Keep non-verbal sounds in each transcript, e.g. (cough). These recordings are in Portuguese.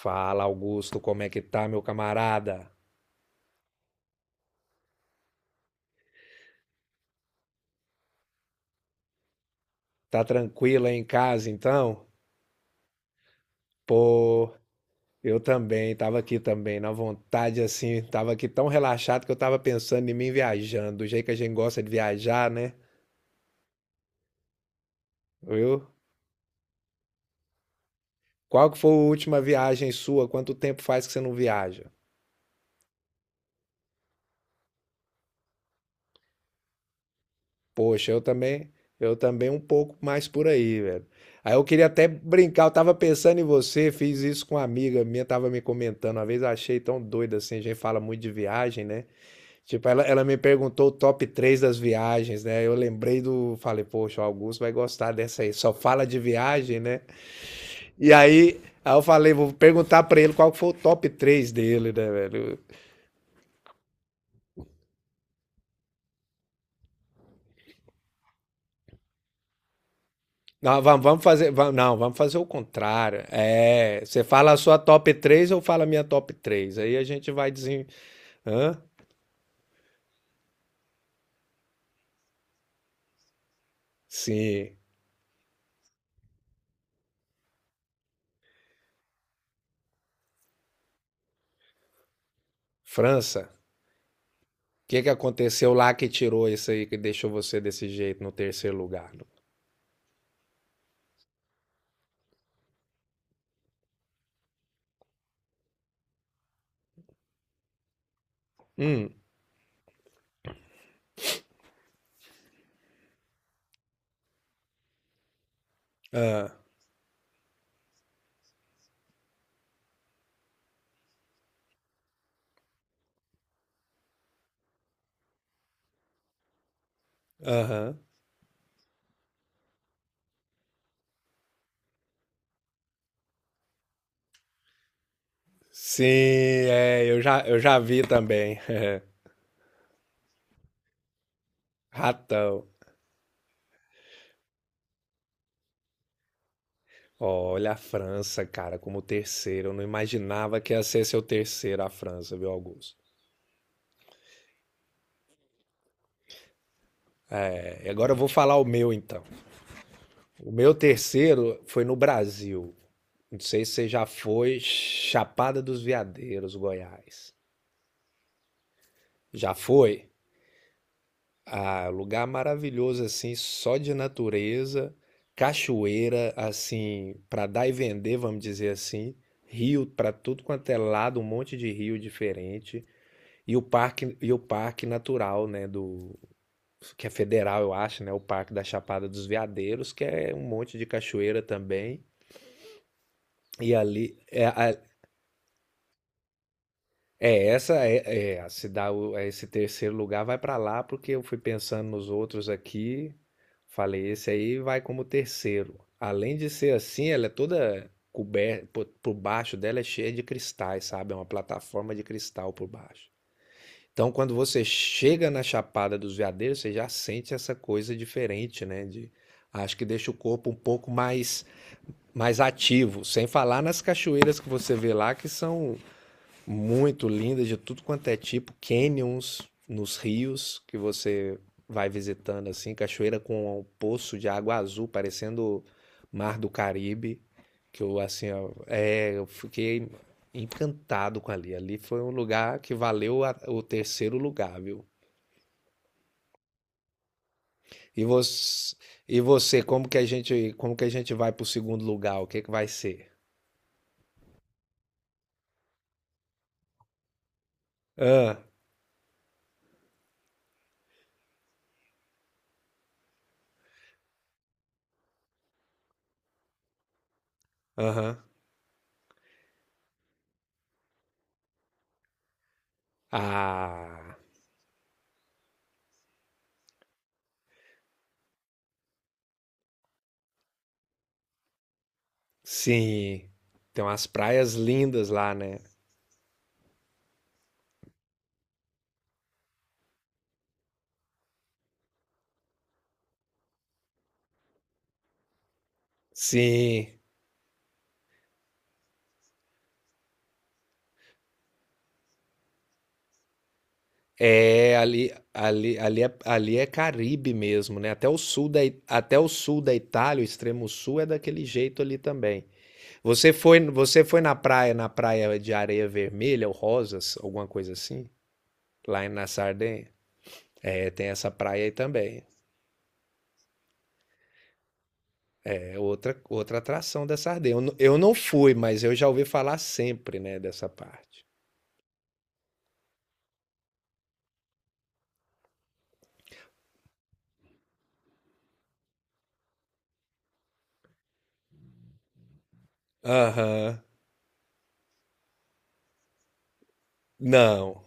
Fala, Augusto, como é que tá, meu camarada? Tá tranquilo aí em casa, então? Pô, eu também, tava aqui também, na vontade assim, tava aqui tão relaxado que eu tava pensando em mim viajando, do jeito que a gente gosta de viajar, né? Viu? Qual que foi a última viagem sua? Quanto tempo faz que você não viaja? Poxa, eu também um pouco mais por aí, velho. Aí eu queria até brincar, eu tava pensando em você, fiz isso com uma amiga minha, tava me comentando, uma vez eu achei tão doido assim, a gente fala muito de viagem, né? Tipo, ela me perguntou o top 3 das viagens, né? Eu lembrei do. Falei, poxa, o Augusto vai gostar dessa aí. Só fala de viagem, né? E aí, aí eu falei, vou perguntar pra ele qual que foi o top 3 dele, né, velho? Não, vamos fazer. Não, vamos fazer o contrário. É, você fala a sua top três, eu falo a minha top 3? Aí a gente vai dizer. Hã? Sim. França. O que que aconteceu lá que tirou isso aí, que deixou você desse jeito no terceiro lugar? Hum. Ah, aham. Sim, é, eu já vi também. (laughs) Ratão. Olha a França, cara, como terceiro. Eu não imaginava que ia ser seu terceiro a França, viu, Augusto? É, e agora eu vou falar o meu, então. O meu terceiro foi no Brasil. Não sei se você já foi Chapada dos Veadeiros, Goiás. Já foi? Ah, lugar maravilhoso assim, só de natureza, cachoeira assim, para dar e vender, vamos dizer assim, rio para tudo quanto é lado, um monte de rio diferente e o parque natural, né, do que é federal, eu acho, né, o Parque da Chapada dos Veadeiros, que é um monte de cachoeira também. E ali é, a- É, essa é, é, se dá o- é, esse terceiro lugar vai para lá porque eu fui pensando nos outros aqui, falei esse aí vai como terceiro. Além de ser assim, ela é toda coberta por baixo. Dela é cheia de cristais, sabe? É uma plataforma de cristal por baixo. Então, quando você chega na Chapada dos Veadeiros, você já sente essa coisa diferente, né? De, acho que deixa o corpo um pouco mais ativo, sem falar nas cachoeiras que você vê lá, que são muito lindas de tudo quanto é tipo, canyons nos rios que você vai visitando assim, cachoeira com um poço de água azul parecendo Mar do Caribe, que eu assim, ó, é, eu fiquei encantado com ali. Ali foi um lugar que valeu o terceiro lugar, viu? E você, e você, como que a gente, como que a gente vai pro segundo lugar? O que que vai ser? Ah, aham. Ah, sim, tem umas praias lindas lá, né? Sim, é ali é Caribe mesmo, né? Até o sul da, I- até o sul da Itália, o extremo sul é daquele jeito ali também. Você foi na praia de areia vermelha ou rosas, alguma coisa assim? Na Sardenha? É, tem essa praia aí também. É outra atração da Sardenha. Eu não fui, mas eu já ouvi falar sempre, né, dessa parte. Aham. Não.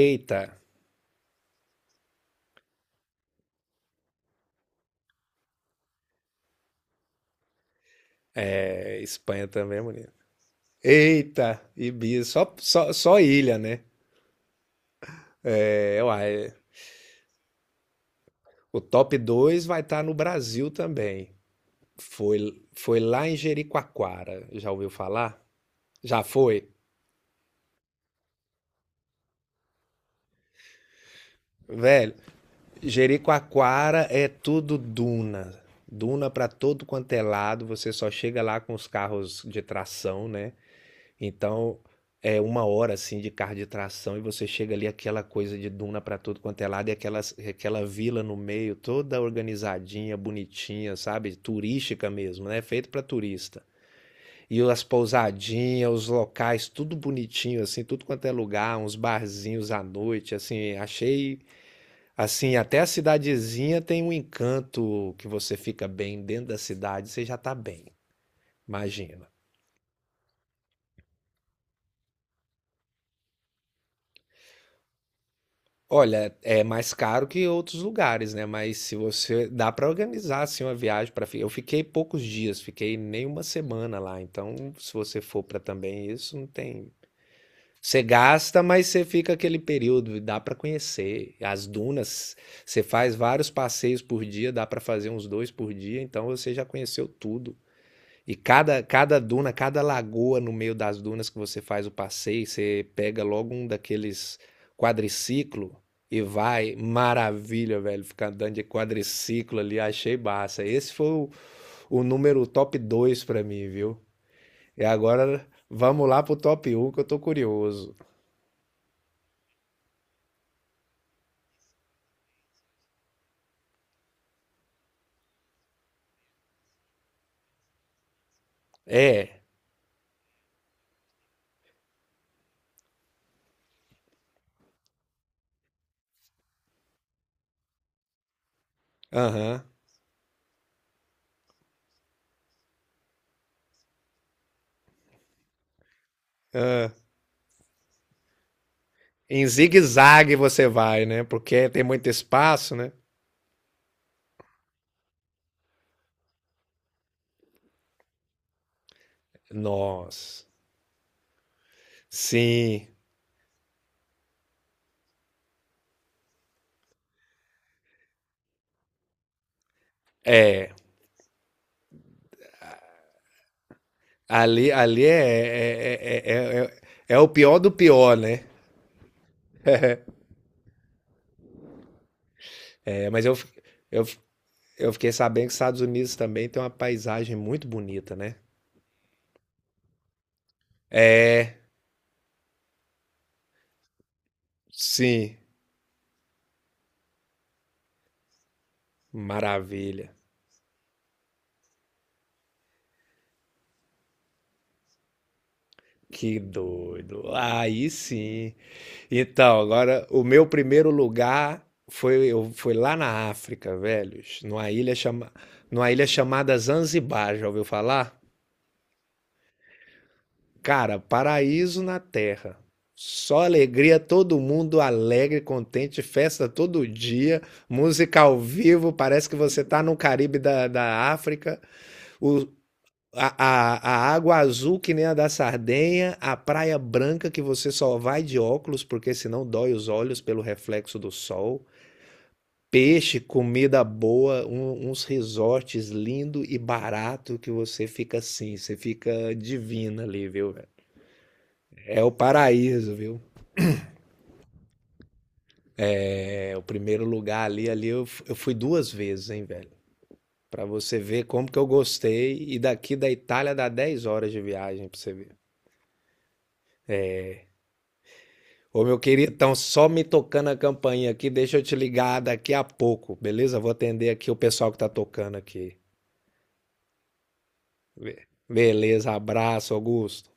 Eita. É, Espanha também é bonito. Eita, Ibiza, só ilha, né? É, uai, o top 2 vai estar no Brasil também. Foi lá em Jericoacoara, já ouviu falar? Já foi? Velho, Jericoacoara é tudo duna. Duna pra todo quanto é lado, você só chega lá com os carros de tração, né? Então, é uma hora assim de carro de tração e você chega ali aquela coisa de duna pra tudo quanto é lado e aquela vila no meio toda organizadinha, bonitinha, sabe? Turística mesmo, né? Feito pra turista. E as pousadinhas, os locais, tudo bonitinho assim, tudo quanto é lugar, uns barzinhos à noite, assim, achei assim, até a cidadezinha tem um encanto que você fica bem dentro da cidade, você já tá bem. Imagina. Olha, é mais caro que outros lugares, né? Mas se você dá para organizar assim uma viagem, para eu fiquei poucos dias, fiquei nem uma semana lá. Então, se você for para também isso, não tem. Você gasta, mas você fica aquele período e dá para conhecer as dunas. Você faz vários passeios por dia, dá para fazer uns dois por dia. Então, você já conheceu tudo. E cada duna, cada lagoa no meio das dunas, que você faz o passeio, você pega logo um daqueles quadriciclo e vai. Maravilha, velho. Ficar andando de quadriciclo ali, achei massa. O número top 2 pra mim, viu? E agora vamos lá pro top um, que eu tô curioso. É, aham. Ah. Em zigue-zague você vai, né? Porque tem muito espaço, né? Nossa. Sim, é. Ali, ali é, é, é, é, é- é é o pior do pior, né? É, mas eu, fi- eu, fi- eu fiquei sabendo que os Estados Unidos também tem uma paisagem muito bonita, né? Sim, maravilha. Que doido. Aí sim. Então, agora, o meu primeiro lugar foi, eu, foi lá na África, velhos, numa ilha chamada Zanzibar, já ouviu falar? Cara, paraíso na terra. Só alegria, todo mundo alegre, contente, festa todo dia, música ao vivo, parece que você tá no Caribe da África, o, a água azul que nem a da Sardenha, a praia branca que você só vai de óculos porque senão dói os olhos pelo reflexo do sol, peixe, comida boa, uns resorts lindo e barato que você fica assim, você fica divina ali, viu, velho? É o paraíso, viu? É o primeiro lugar ali, ali eu fui duas vezes, hein, velho? Pra você ver como que eu gostei. E daqui da Itália dá 10 horas de viagem pra você ver. Ô, meu querido, então só me tocando a campainha aqui, deixa eu te ligar daqui a pouco, beleza? Vou atender aqui o pessoal que tá tocando aqui. Beleza, abraço, Augusto.